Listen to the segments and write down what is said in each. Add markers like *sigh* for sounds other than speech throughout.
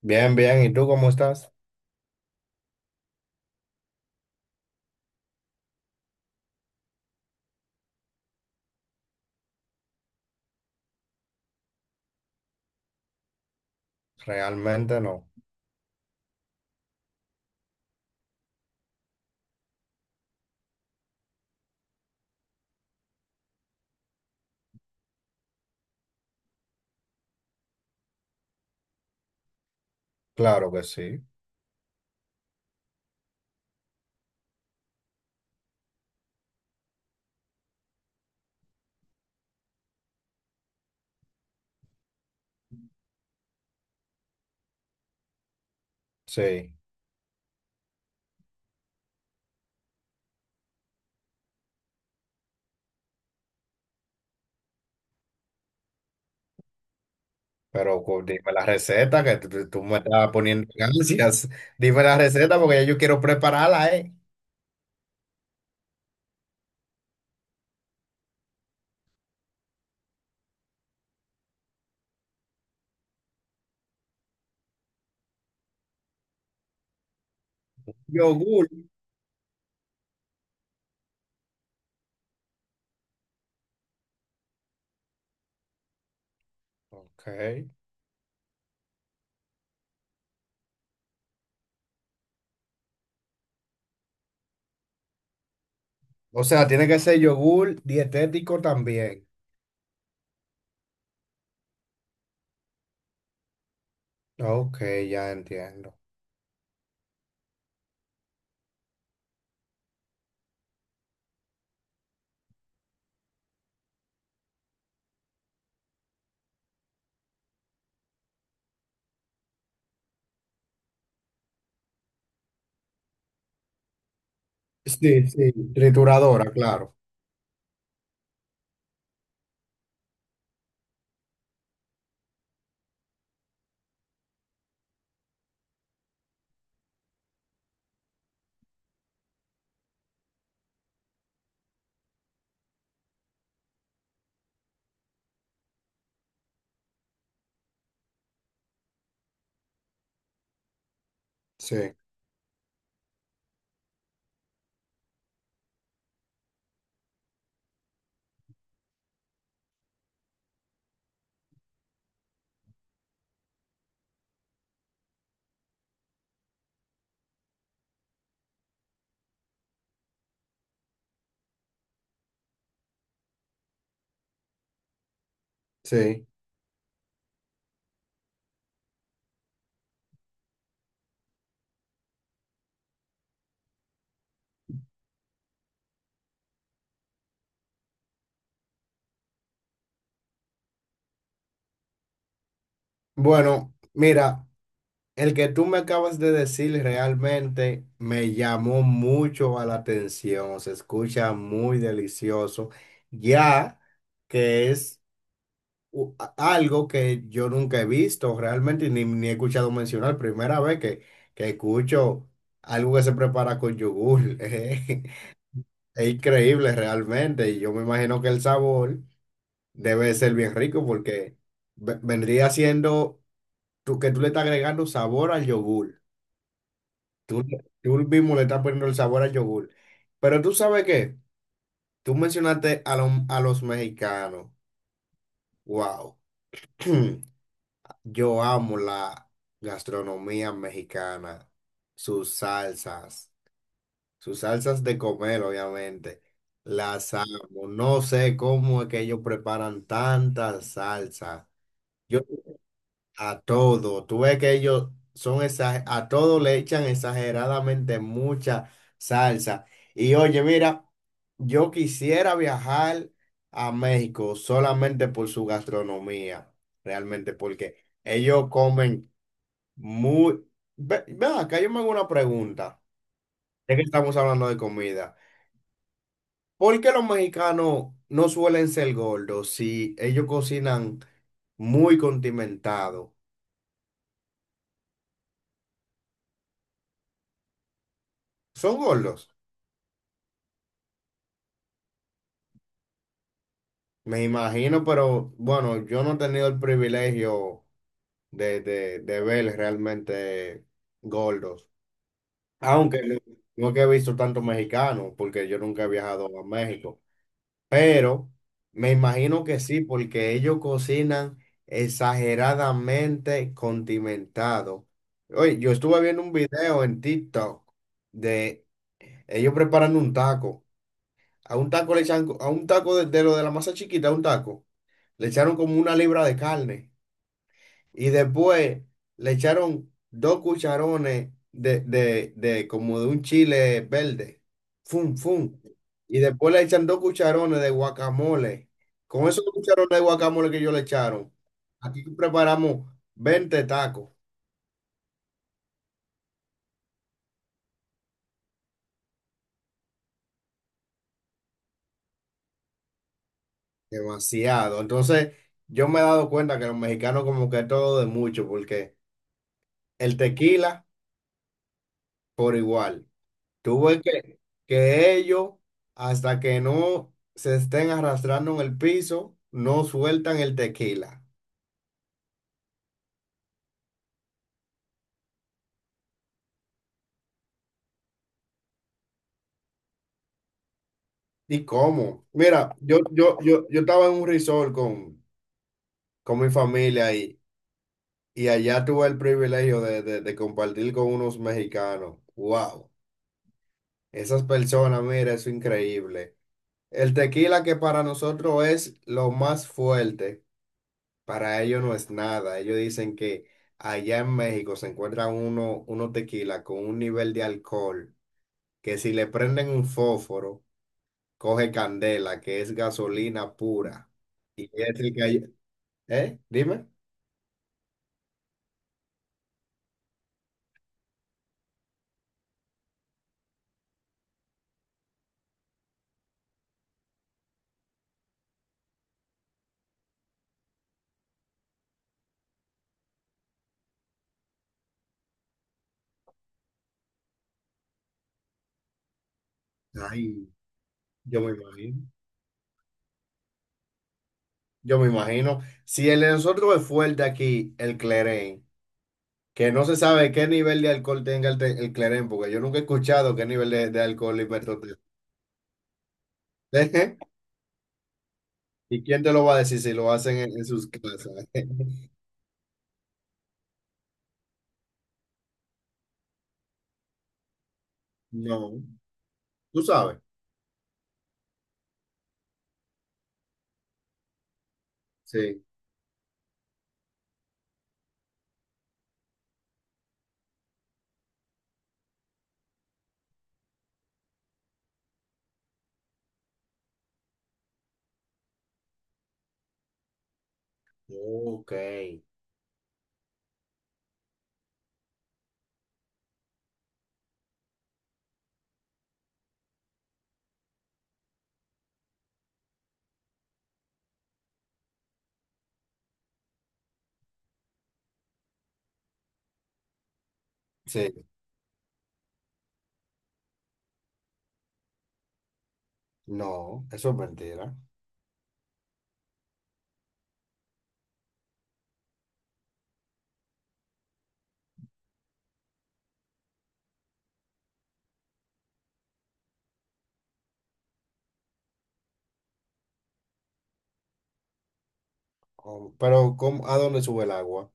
Bien, bien. ¿Y tú cómo estás? Realmente no. Claro que sí. Sí. Pero dime la receta que tú me estás poniendo *laughs* en ansias. Dime la receta porque ya yo quiero prepararla, ¿eh? Yogur. Ok. O sea, tiene que ser yogur dietético también. Ok, ya entiendo. Sí, sí. Trituradora, claro. Sí, sí. Bueno, mira. El que tú me acabas de decir realmente me llamó mucho a la atención, se escucha muy delicioso, ya que es algo que yo nunca he visto realmente ni he escuchado mencionar, primera vez que escucho algo que se prepara con yogur, *laughs* Es increíble realmente y yo me imagino que el sabor debe ser bien rico porque vendría siendo tú, que tú le estás agregando sabor al yogur. Tú, tú mismo le estás poniendo el sabor al yogur. Pero tú sabes qué, tú mencionaste a los mexicanos. Wow. *clears throat* Yo amo la gastronomía mexicana, sus salsas, sus salsas de comer, obviamente. Las amo. No sé cómo es que ellos preparan tantas salsas. A todo, tú ves que a todo le echan exageradamente mucha salsa. Y oye, mira, yo quisiera viajar a México solamente por su gastronomía, realmente, porque ellos comen muy… Ven acá, yo me hago una pregunta, ya que estamos hablando de comida. ¿Por qué los mexicanos no suelen ser gordos si ellos cocinan muy condimentado? ¿Son gordos? Me imagino, pero bueno, yo no he tenido el privilegio de ver realmente gordos. Aunque, ujú, no es que he visto tantos mexicanos, porque yo nunca he viajado a México. Pero me imagino que sí, porque ellos cocinan exageradamente condimentado. Oye, yo estuve viendo un video en TikTok de ellos preparando un taco. A un taco le echan, a un taco de lo de la masa chiquita, a un taco. Le echaron como una libra de carne y después le echaron dos cucharones de como de un chile verde. Fum, fum. Y después le echan dos cucharones de guacamole. Con esos dos cucharones de guacamole que ellos le echaron, aquí preparamos 20 tacos. Demasiado. Entonces, yo me he dado cuenta que los mexicanos como que todo de mucho, porque el tequila por igual. Tuve que ellos, hasta que no se estén arrastrando en el piso, no sueltan el tequila. ¿Y cómo? Mira, yo estaba en un resort con mi familia y allá tuve el privilegio de compartir con unos mexicanos. ¡Wow! Esas personas, mira, eso es increíble. El tequila que para nosotros es lo más fuerte. Para ellos no es nada. Ellos dicen que allá en México se encuentra uno tequila con un nivel de alcohol que si le prenden un fósforo, coge candela, que es gasolina pura. Y es el que hay- ¿Eh? Dime. Ay, yo me imagino. Yo me imagino. Si el de nosotros es fuerte aquí, el Clerén, que no se sabe qué nivel de alcohol tenga el Clerén, porque yo nunca he escuchado qué nivel de alcohol y… *laughs* ¿Y quién te lo va a decir si lo hacen en sus casas? *laughs* No, tú sabes. Sí. Ok. Sí, no, eso es mentira. Oh, pero a dónde sube el agua?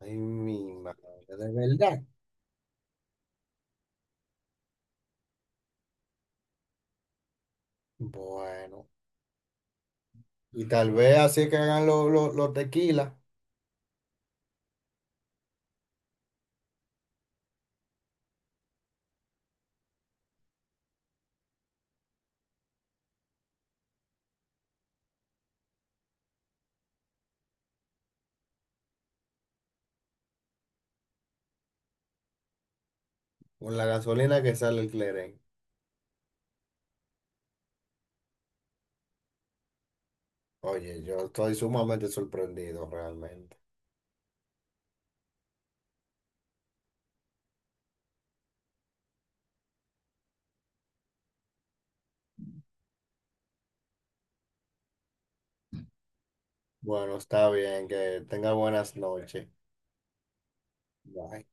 Ay, mi madre, de verdad. Bueno, y tal vez así es que hagan los tequilas con la gasolina que sale el Cleren. Oye, yo estoy sumamente sorprendido realmente. Bueno, está bien, que tenga buenas noches. Bye.